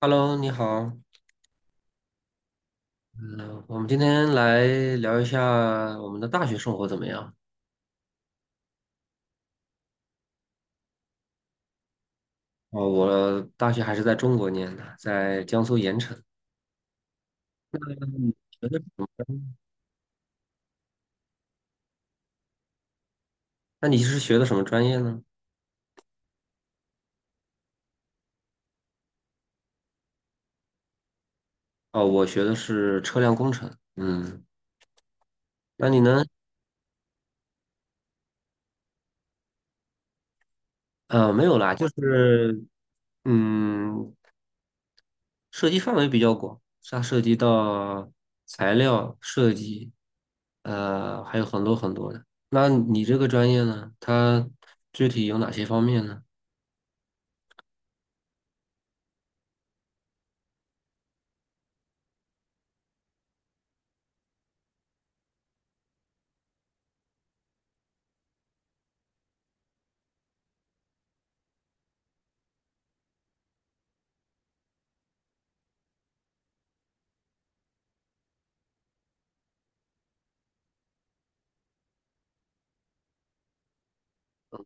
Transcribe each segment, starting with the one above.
Hello，你好，嗯、我们今天来聊一下我们的大学生活怎么样？哦，我大学还是在中国念的，在江苏盐城。嗯学的是什么那你是学的什么专业呢？哦，我学的是车辆工程。嗯，那你呢？没有啦，就是嗯，涉及范围比较广，它涉及到材料设计，还有很多很多的。那你这个专业呢？它具体有哪些方面呢？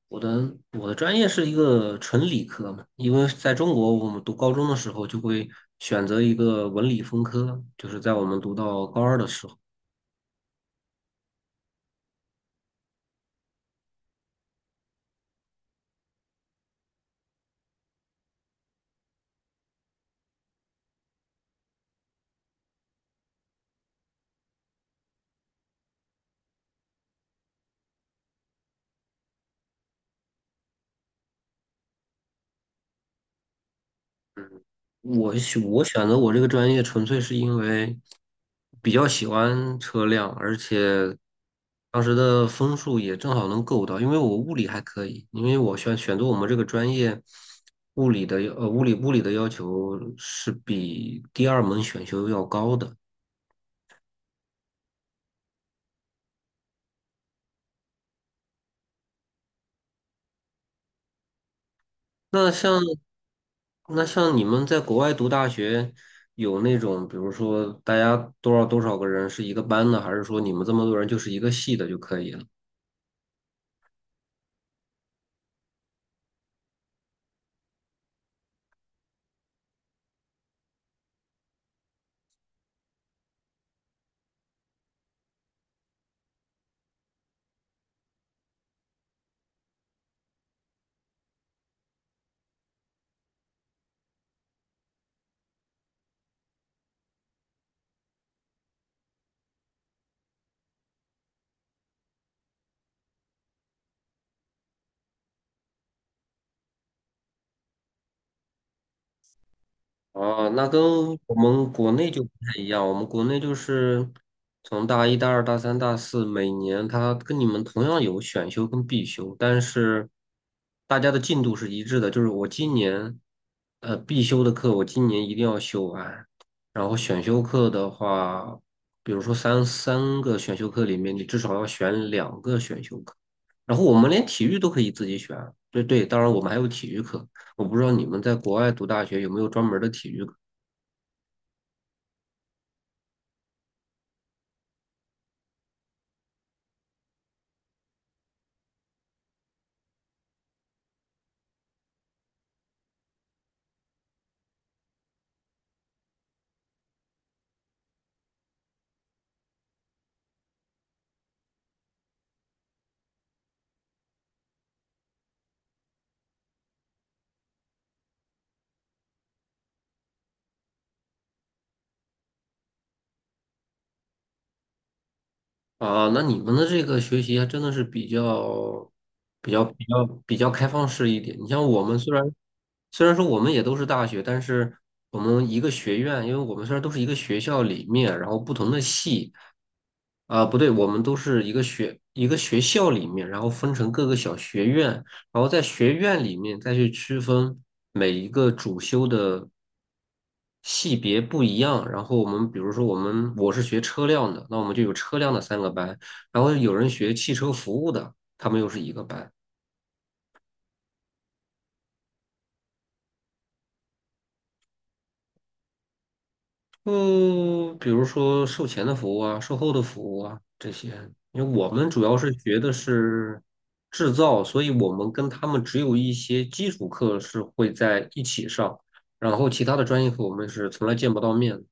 我的专业是一个纯理科嘛，因为在中国，我们读高中的时候就会选择一个文理分科，就是在我们读到高二的时候，我选择我这个专业，纯粹是因为比较喜欢车辆，而且当时的分数也正好能够到，因为我物理还可以，因为我选择我们这个专业，物理的要求是比第二门选修要高的。那像那像你们在国外读大学，有那种比如说大家多少多少个人是一个班的，还是说你们这么多人就是一个系的就可以了？哦，那跟我们国内就不太一样。我们国内就是从大一、大二、大三、大四，每年它跟你们同样有选修跟必修，但是大家的进度是一致的。就是我今年，必修的课我今年一定要修完，然后选修课的话，比如说三个选修课里面，你至少要选两个选修课。然后我们连体育都可以自己选，对对，当然我们还有体育课。我不知道你们在国外读大学有没有专门儿的体育课啊？那你们的这个学习还真的是比较开放式一点。你像我们虽然说我们也都是大学，但是我们一个学院，因为我们虽然都是一个学校里面，然后不同的系啊，不对，我们都是一个学校里面，然后分成各个小学院，然后在学院里面再去区分每一个主修的系别不一样。然后我们比如说我是学车辆的，那我们就有车辆的三个班，然后有人学汽车服务的，他们又是一个班。嗯，比如说售前的服务啊，售后的服务啊这些，因为我们主要是学的是制造，所以我们跟他们只有一些基础课是会在一起上，然后其他的专业课我们是从来见不到面的。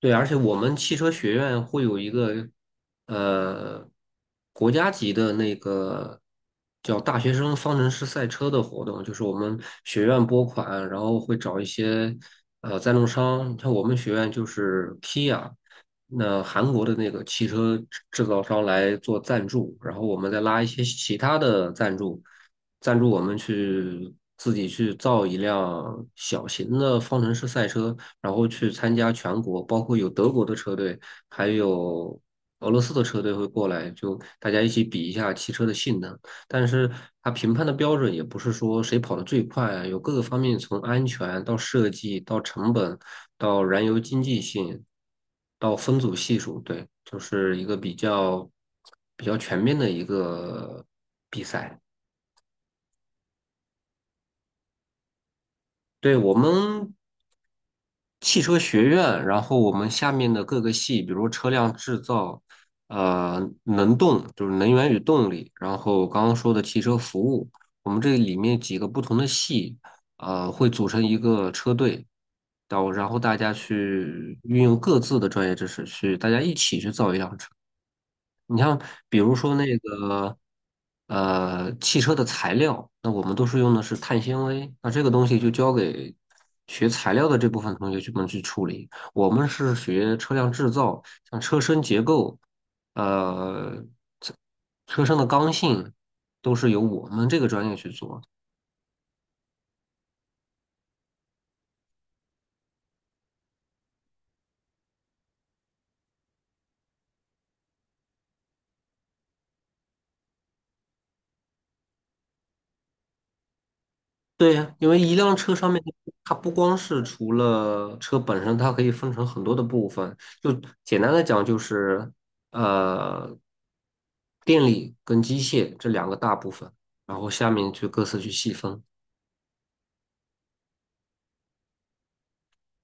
对，而且我们汽车学院会有一个呃国家级的那个叫大学生方程式赛车的活动，就是我们学院拨款，然后会找一些赞助商，像我们学院就是 Kia，那韩国的那个汽车制造商来做赞助，然后我们再拉一些其他的赞助。赞助我们去自己去造一辆小型的方程式赛车，然后去参加全国，包括有德国的车队，还有俄罗斯的车队会过来，就大家一起比一下汽车的性能。但是它评判的标准也不是说谁跑得最快啊有各个方面，从安全到设计到成本到燃油经济性到分组系数，对，就是一个比较全面的一个比赛。对，我们汽车学院，然后我们下面的各个系，比如车辆制造，能动就是能源与动力，然后刚刚说的汽车服务，我们这里面几个不同的系，会组成一个车队，然后大家去运用各自的专业知识去，大家一起去造一辆车。你像比如说那个汽车的材料，那我们都是用的是碳纤维，那这个东西就交给学材料的这部分同学们去处理。我们是学车辆制造，像车身结构，呃，车车身的刚性，都是由我们这个专业去做。对呀，因为一辆车上面它不光是除了车本身，它可以分成很多的部分。就简单的讲，就是呃，电力跟机械这两个大部分，然后下面就各自去细分。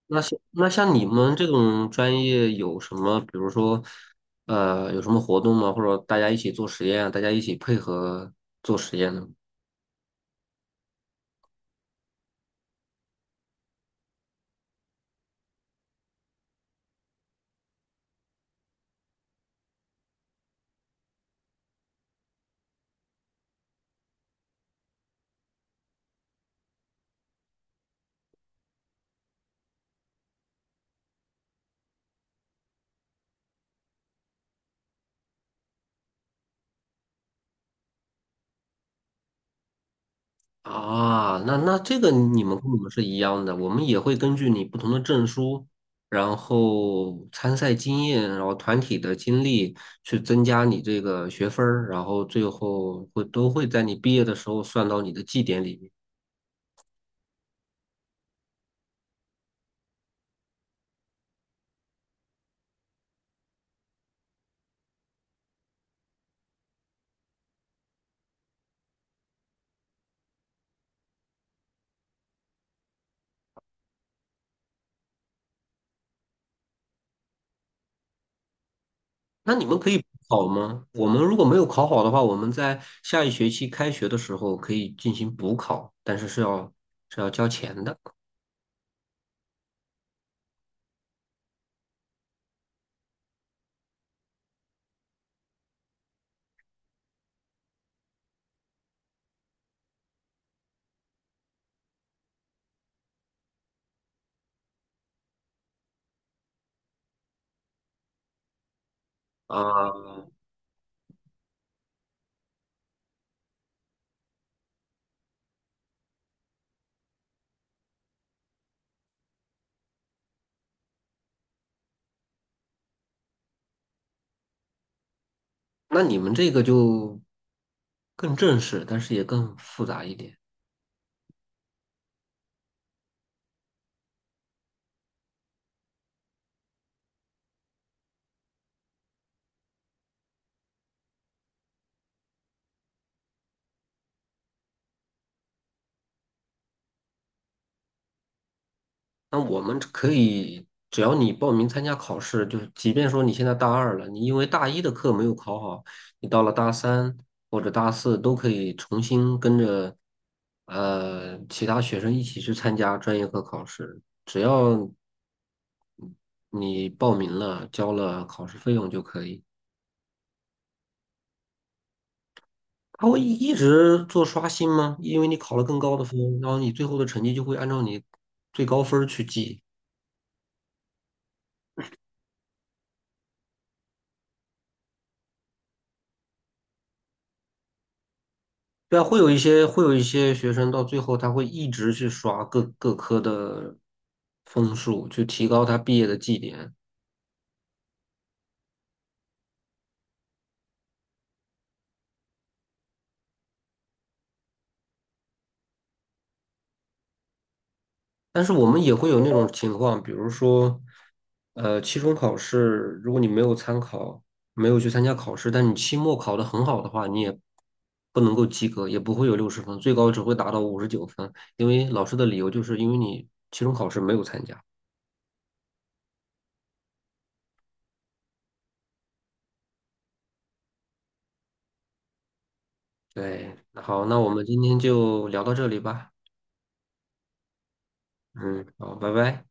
那像你们这种专业有什么，比如说有什么活动吗？或者大家一起做实验啊，大家一起配合做实验呢？啊，那这个你们跟我们是一样的，我们也会根据你不同的证书，然后参赛经验，然后团体的经历去增加你这个学分儿，然后最后都会在你毕业的时候算到你的绩点里面。那你们可以考吗？我们如果没有考好的话，我们在下一学期开学的时候可以进行补考，但是是要交钱的啊。那你们这个就更正式，但是也更复杂一点。那我们可以，只要你报名参加考试，就是即便说你现在大二了，你因为大一的课没有考好，你到了大三或者大四都可以重新跟着其他学生一起去参加专业课考试，只要你报名了，交了考试费用就可以。他会一直做刷新吗？因为你考了更高的分，然后你最后的成绩就会按照你最高分儿去记。对啊，会有一些学生到最后他会一直去刷各科的分数，去提高他毕业的绩点。但是我们也会有那种情况，比如说，期中考试，如果你没有参考，没有去参加考试，但你期末考得很好的话，你也不能够及格，也不会有60分，最高只会达到59分，因为老师的理由就是因为你期中考试没有参加。对，好，那我们今天就聊到这里吧。嗯，好，拜拜。